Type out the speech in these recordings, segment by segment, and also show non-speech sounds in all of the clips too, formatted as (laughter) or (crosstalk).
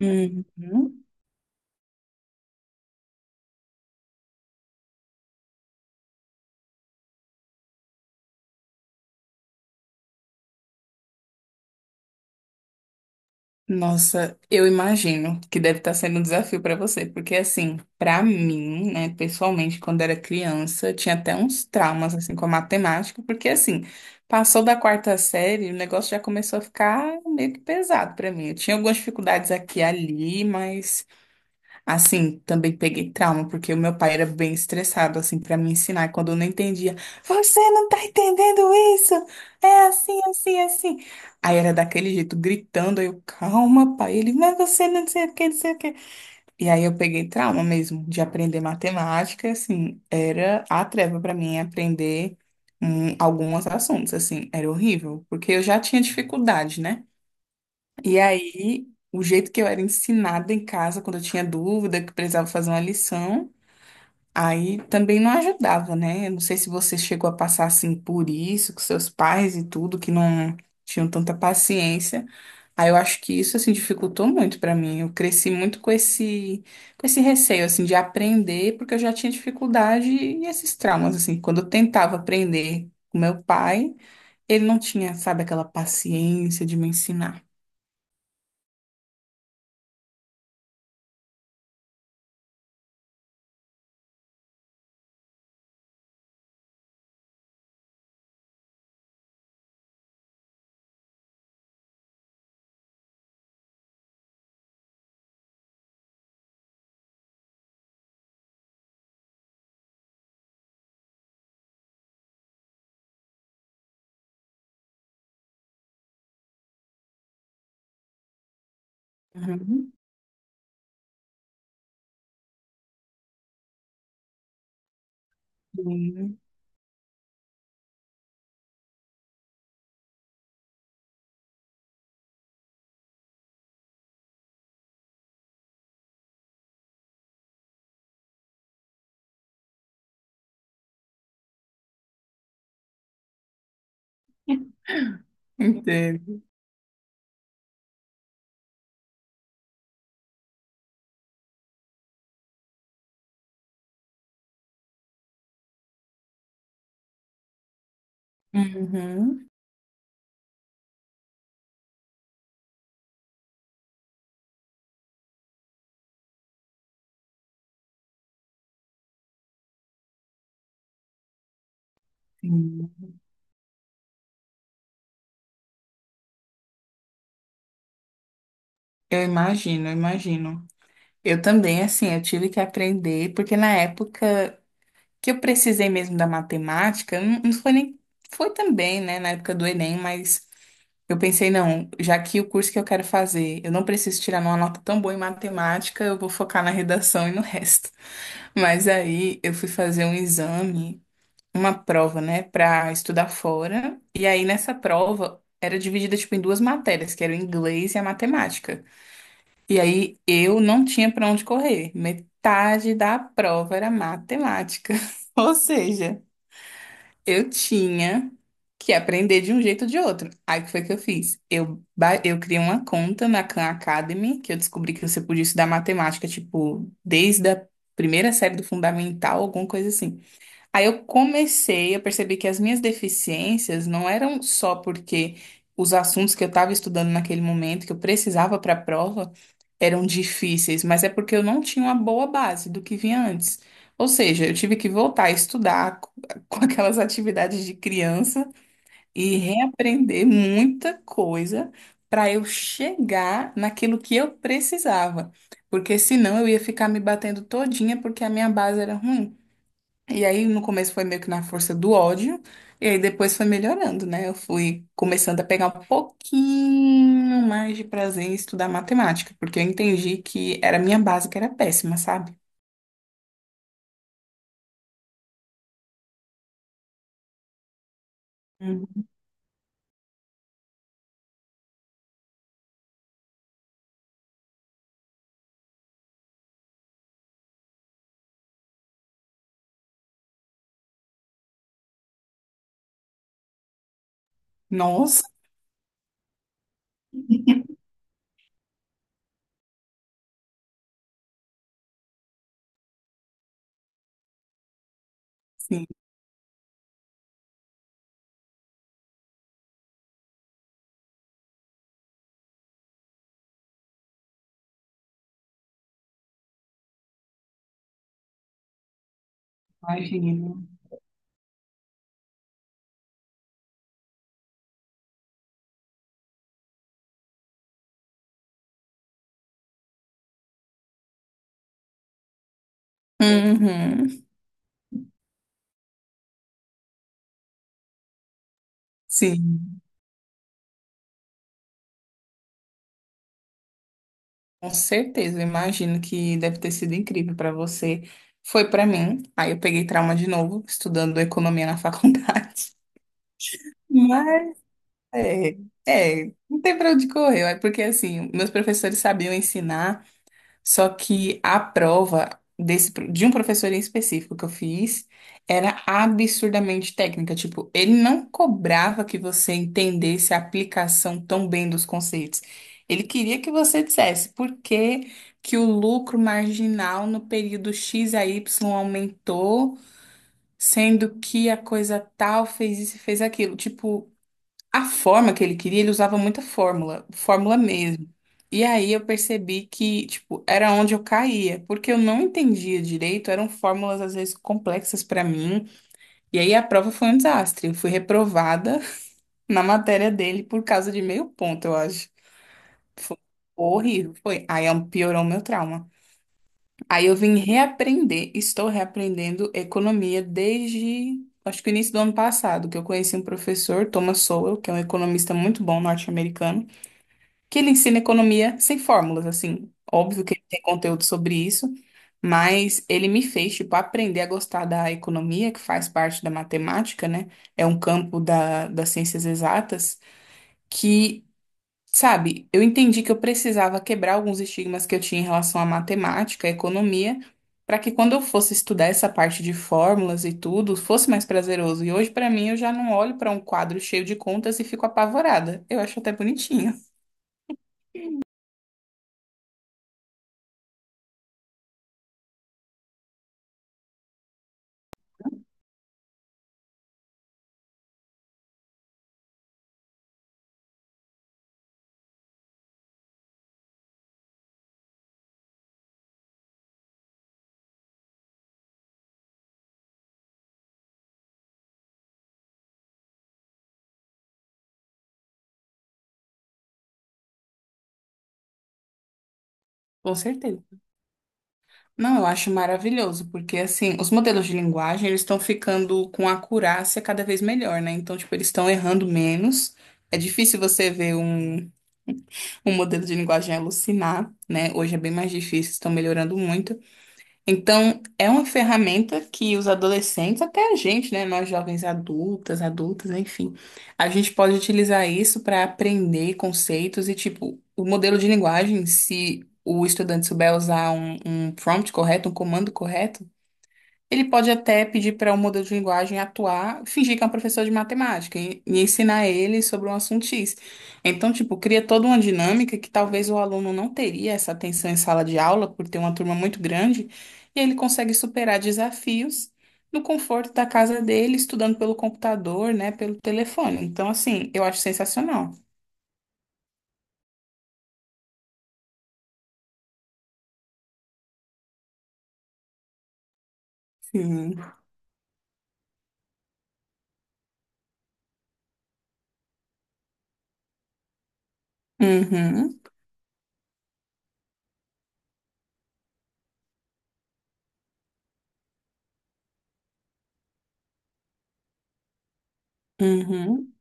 Uhum. Nossa, eu imagino que deve estar sendo um desafio para você, porque assim, para mim, né, pessoalmente, quando era criança, eu tinha até uns traumas assim com a matemática, porque assim, passou da quarta série, o negócio já começou a ficar meio que pesado para mim. Eu tinha algumas dificuldades aqui e ali, mas assim, também peguei trauma, porque o meu pai era bem estressado, assim, pra me ensinar. E quando eu não entendia, você não tá entendendo isso? É assim, assim, assim. Aí era daquele jeito, gritando. Aí eu, calma, pai. Ele, mas você não sei o que, não sei o que. E aí eu peguei trauma mesmo de aprender matemática, e, assim, era a treva pra mim aprender alguns assuntos, assim, era horrível, porque eu já tinha dificuldade, né? E aí, o jeito que eu era ensinada em casa, quando eu tinha dúvida, que precisava fazer uma lição, aí também não ajudava, né? Eu não sei se você chegou a passar assim por isso, com seus pais e tudo, que não tinham tanta paciência. Aí eu acho que isso assim dificultou muito pra mim. Eu cresci muito com esse receio assim de aprender, porque eu já tinha dificuldade e esses traumas assim. Quando eu tentava aprender com meu pai, ele não tinha, sabe, aquela paciência de me ensinar. Uhum. Sim. Entendo. Uhum, sim. Eu imagino, eu imagino. Eu também, assim, eu tive que aprender, porque na época que eu precisei mesmo da matemática, não, não foi nem, foi também, né, na época do Enem, mas eu pensei, não, já que o curso que eu quero fazer, eu não preciso tirar uma nota tão boa em matemática, eu vou focar na redação e no resto. Mas aí eu fui fazer um exame, uma prova, né, para estudar fora. E aí nessa prova era dividida tipo em duas matérias, que era o inglês e a matemática. E aí eu não tinha para onde correr. Metade da prova era matemática. (laughs) Ou seja, eu tinha que aprender de um jeito ou de outro. Aí o que foi que eu fiz? Eu criei uma conta na Khan Academy, que eu descobri que você podia estudar matemática tipo desde a primeira série do fundamental, alguma coisa assim. Aí eu comecei, eu percebi que as minhas deficiências não eram só porque os assuntos que eu estava estudando naquele momento, que eu precisava para a prova, eram difíceis, mas é porque eu não tinha uma boa base do que vinha antes. Ou seja, eu tive que voltar a estudar (laughs) com aquelas atividades de criança e reaprender muita coisa para eu chegar naquilo que eu precisava. Porque senão eu ia ficar me batendo todinha porque a minha base era ruim. E aí, no começo foi meio que na força do ódio, e aí depois foi melhorando, né? Eu fui começando a pegar um pouquinho mais de prazer em estudar matemática, porque eu entendi que era a minha base que era péssima, sabe? Uhum. Nossa, sim, imagino. Uhum. Sim, com certeza. Eu imagino que deve ter sido incrível para você. Foi para mim. Aí eu peguei trauma de novo, estudando economia na faculdade. (laughs) Mas é, é, não tem pra onde correr, é porque assim, meus professores sabiam ensinar, só que a prova de um professor em específico que eu fiz era absurdamente técnica, tipo, ele não cobrava que você entendesse a aplicação tão bem dos conceitos. Ele queria que você dissesse por que que o lucro marginal no período X a Y aumentou, sendo que a coisa tal fez isso e fez aquilo, tipo a forma que ele queria, ele usava muita fórmula, fórmula mesmo. E aí eu percebi que, tipo, era onde eu caía, porque eu não entendia direito, eram fórmulas às vezes complexas pra mim. E aí a prova foi um desastre. Eu fui reprovada (laughs) na matéria dele por causa de meio ponto, eu acho. Foi horrível, foi. Piorou o meu trauma. Aí eu vim reaprender, estou reaprendendo economia desde, acho que, o início do ano passado, que eu conheci um professor, Thomas Sowell, que é um economista muito bom norte-americano, que ele ensina economia sem fórmulas, assim. Óbvio que ele tem conteúdo sobre isso, mas ele me fez, tipo, aprender a gostar da economia, que faz parte da matemática, né? É um campo da, das ciências exatas, que, sabe, eu entendi que eu precisava quebrar alguns estigmas que eu tinha em relação à matemática, à economia, para que quando eu fosse estudar essa parte de fórmulas e tudo, fosse mais prazeroso. E hoje, para mim, eu já não olho para um quadro cheio de contas e fico apavorada. Eu acho até bonitinho, com certeza. Não, eu acho maravilhoso, porque assim, os modelos de linguagem, eles estão ficando com acurácia cada vez melhor, né? Então, tipo, eles estão errando menos. É difícil você ver um modelo de linguagem alucinar, né? Hoje é bem mais difícil, estão melhorando muito. Então, é uma ferramenta que os adolescentes, até a gente, né, nós jovens adultas, adultas, enfim, a gente pode utilizar isso para aprender conceitos e, tipo, o modelo de linguagem, se o estudante souber usar um prompt correto, um comando correto, ele pode até pedir para um modelo de linguagem atuar, fingir que é um professor de matemática e ensinar ele sobre um assunto X. Então, tipo, cria toda uma dinâmica que talvez o aluno não teria essa atenção em sala de aula, por ter uma turma muito grande, e ele consegue superar desafios no conforto da casa dele, estudando pelo computador, né, pelo telefone. Então, assim, eu acho sensacional. Sim. Uhum, uhum,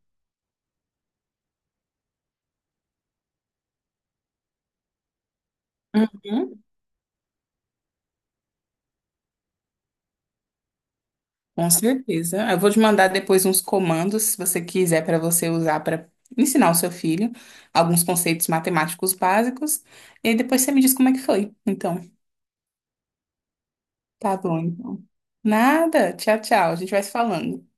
uhum. Com certeza. Eu vou te mandar depois uns comandos, se você quiser, para você usar para ensinar o seu filho alguns conceitos matemáticos básicos. E aí depois você me diz como é que foi. Então, tá bom, então. Nada. Tchau, tchau. A gente vai se falando.